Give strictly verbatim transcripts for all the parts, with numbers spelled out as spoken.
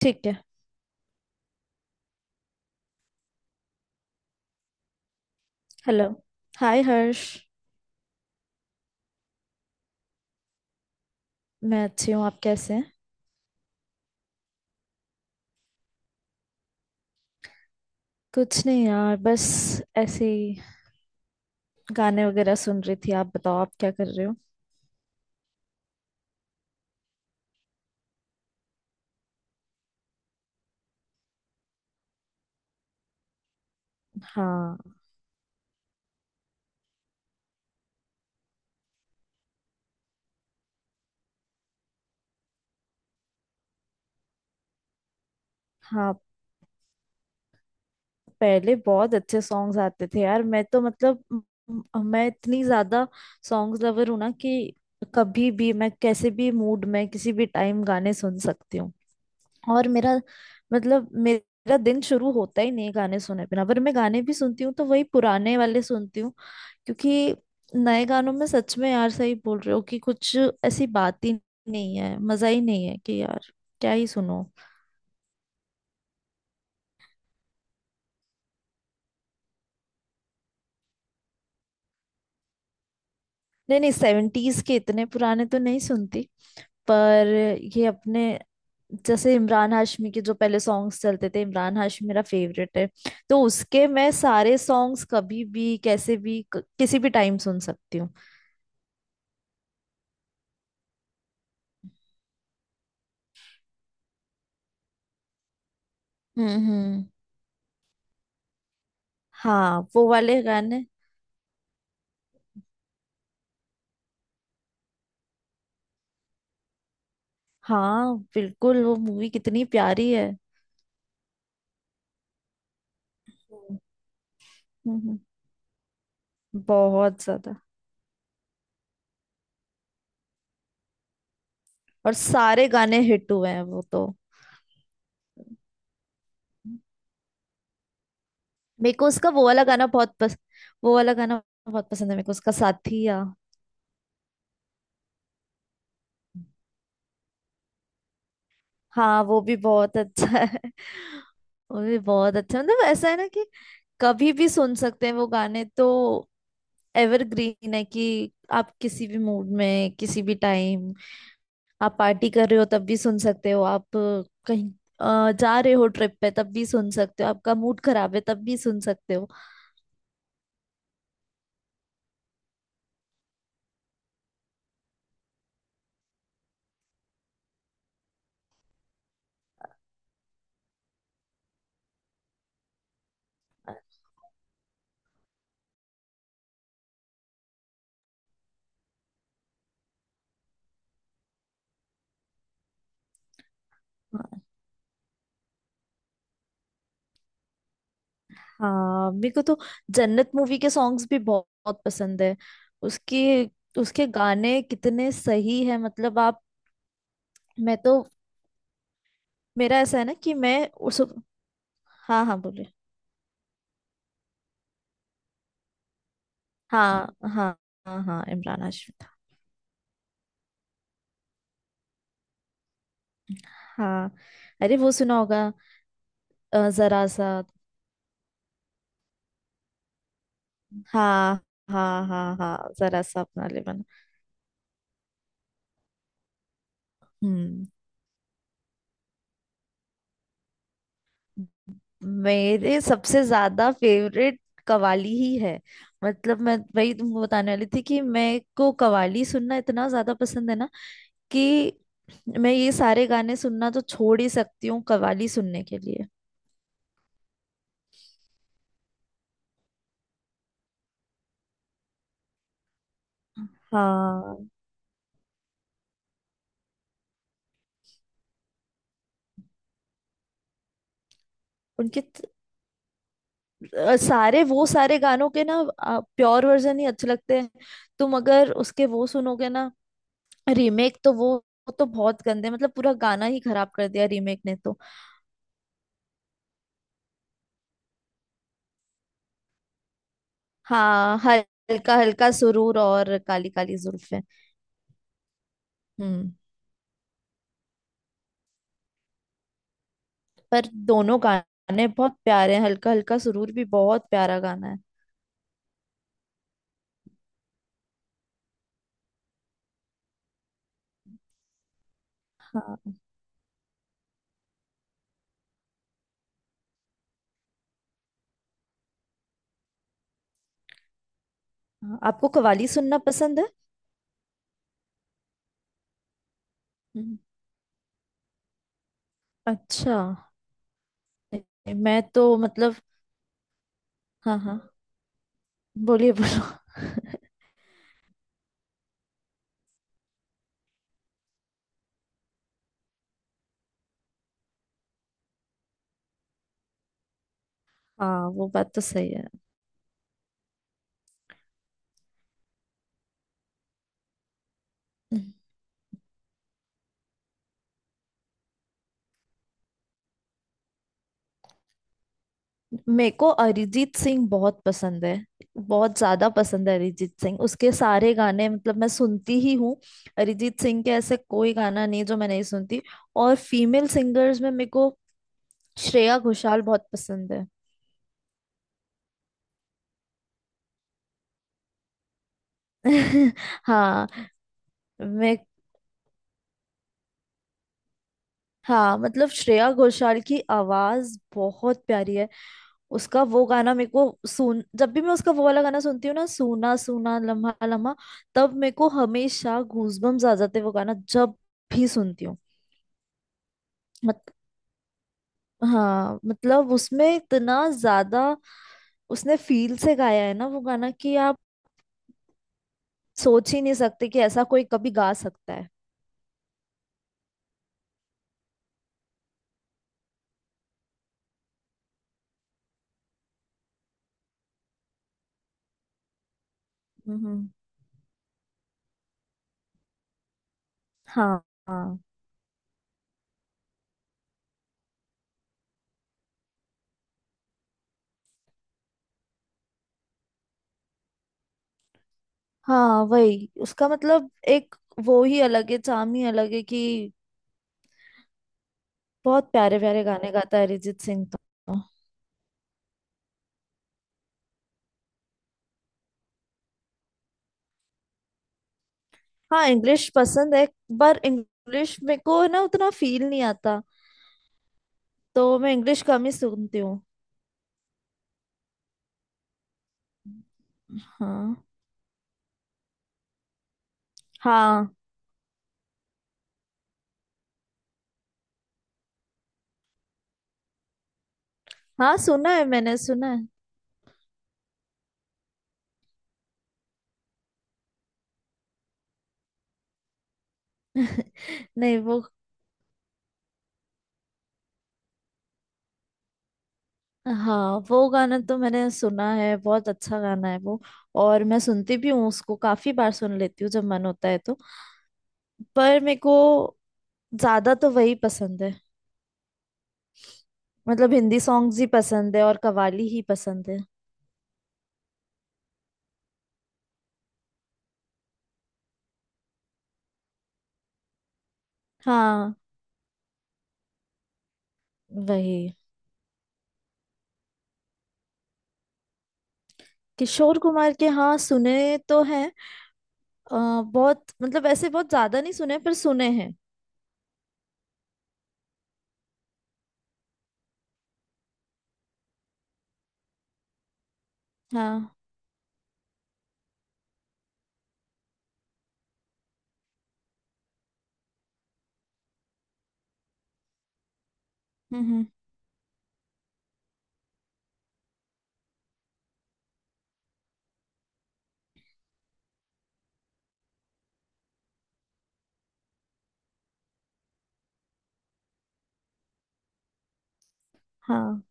ठीक है। Hello. Hi Harsh. मैं अच्छी हूँ, आप कैसे हैं? कुछ नहीं यार, बस ऐसे ही गाने वगैरह सुन रही थी। आप बताओ, आप क्या कर रहे हो? हाँ। हाँ, पहले बहुत अच्छे सॉन्ग्स आते थे यार। मैं तो मतलब म- म- मैं इतनी ज्यादा सॉन्ग्स लवर हूँ ना कि कभी भी मैं कैसे भी मूड में किसी भी टाइम गाने सुन सकती हूँ। और मेरा, मतलब मेरा दिन शुरू होता ही नहीं है गाने सुने बिना। पर मैं गाने भी सुनती हूँ तो वही पुराने वाले सुनती हूँ, क्योंकि नए गानों में सच में यार, सही बोल रहे हो कि कुछ ऐसी बात ही नहीं है, मजा ही नहीं है कि यार क्या ही सुनो। नहीं, नहीं, सेवेंटीज के इतने पुराने तो नहीं सुनती, पर ये अपने, जैसे इमरान हाशमी के जो पहले सॉन्ग्स चलते थे, इमरान हाशमी मेरा फेवरेट है। तो उसके मैं सारे सॉन्ग्स कभी भी कैसे भी क- किसी भी टाइम सुन सकती हूँ। हम्म, हम्म। हाँ, वो वाले गाने। हाँ बिल्कुल, वो मूवी कितनी प्यारी है। हम्म, हम्म। बहुत ज्यादा। और सारे गाने हिट हुए हैं वो तो। मेरे को उसका वो वाला गाना बहुत पस, वो वाला गाना बहुत पसंद है मेरे को, उसका साथिया। हाँ, वो भी बहुत अच्छा है। वो भी बहुत अच्छा है। मतलब ऐसा है ना कि कभी भी सुन सकते हैं वो गाने तो, एवरग्रीन है कि आप किसी भी मूड में किसी भी टाइम, आप पार्टी कर रहे हो तब भी सुन सकते हो, आप कहीं अ, जा रहे हो ट्रिप पे तब भी सुन सकते हो, आपका मूड खराब है तब भी सुन सकते हो। हाँ। हाँ, मेरे को तो जन्नत मूवी के सॉन्ग्स भी बहुत, बहुत पसंद है उसके। उसके गाने कितने सही है, मतलब आप, मैं तो, मेरा ऐसा है ना कि मैं उस, हाँ हाँ बोले। हाँ, हाँ। हाँ, हाँ, इमरान हाशमी था। हाँ, अरे वो सुना होगा, अ, जरा सा। हाँ, हाँ, हाँ। हाँ, जरा सा अपना लेमन। हम्म। मेरे सबसे ज्यादा फेवरेट कवाली ही है। मतलब मैं वही तुमको बताने वाली थी कि मैं को कवाली सुनना इतना ज्यादा पसंद है ना, कि मैं ये सारे गाने सुनना तो छोड़ ही सकती हूँ कवाली सुनने के लिए। हाँ। उनके त- अ, सारे, वो सारे गानों के ना प्योर वर्जन ही अच्छे लगते हैं। तुम अगर उसके वो सुनोगे ना रीमेक, तो वो वो तो बहुत गंदे, मतलब पूरा गाना ही खराब कर दिया रीमेक ने तो। हाँ, हल्का हल्का सुरूर और काली काली जुल्फें। हम्म, पर दोनों गाने बहुत प्यारे हैं, हल्का हल्का सुरूर भी बहुत प्यारा गाना है। हाँ। हाँ, आपको कव्वाली सुनना पसंद है? हम्म। अच्छा। नहीं, मैं तो मतलब। हाँ, हाँ। बोलिए, बोलो। हाँ वो बात तो सही है। हम्म। मेरे को अरिजीत सिंह बहुत पसंद है। बहुत ज्यादा पसंद है अरिजीत सिंह, उसके सारे गाने मतलब मैं सुनती ही हूँ। अरिजीत सिंह के ऐसे कोई गाना नहीं जो मैं नहीं सुनती। और फीमेल सिंगर्स में मेरे को श्रेया घोषाल बहुत पसंद है। हाँ। मैं। हाँ, मतलब श्रेया घोषाल की आवाज बहुत प्यारी है। उसका वो गाना मेरे को, सुन जब भी मैं उसका वो वाला गाना सुनती हूँ ना, सूना सूना लम्हा लम्हा, तब मेरे को हमेशा गूजबम्स आ जाते हैं, वो गाना जब भी सुनती हूँ। मत, हाँ मतलब उसमें इतना ज्यादा, उसने फील से गाया है ना वो गाना कि आप सोच ही नहीं सकते कि ऐसा कोई कभी गा सकता है। हम्म। हाँ, हाँ, हाँ। वही उसका मतलब, एक वो ही अलग है, चाम ही अलग है कि बहुत प्यारे प्यारे गाने गाता है अरिजीत सिंह तो। हाँ, इंग्लिश पसंद है, पर इंग्लिश मेरे को ना उतना फील नहीं आता, तो मैं इंग्लिश कम ही सुनती हूँ। हाँ। हाँ। हाँ, सुना है, मैंने सुना है। नहीं वो। हाँ वो गाना तो मैंने सुना है, बहुत अच्छा गाना है वो। और मैं सुनती भी हूँ उसको, काफी बार सुन लेती हूँ जब मन होता है तो। पर मेरे को ज्यादा तो वही पसंद है, मतलब हिंदी सॉन्ग्स ही पसंद है और कव्वाली ही पसंद है। हाँ, वही। किशोर कुमार के? हाँ, सुने तो हैं। अ, बहुत, मतलब ऐसे बहुत ज्यादा नहीं सुने, पर सुने हैं। हाँ। हम्म, हम्म। हाँ,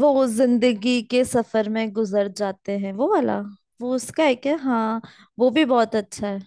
वो जिंदगी के सफर में गुजर जाते हैं वो वाला, वो उसका है क्या? हाँ, वो भी बहुत अच्छा है।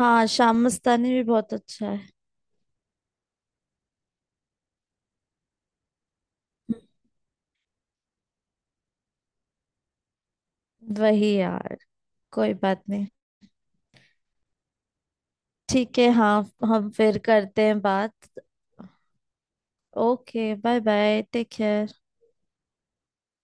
हाँ, शाम मस्तानी भी बहुत अच्छा है। हम्म। वही यार, कोई बात नहीं। ठीक है, हाँ। हम फिर करते हैं बात। Okay, bye bye, take care.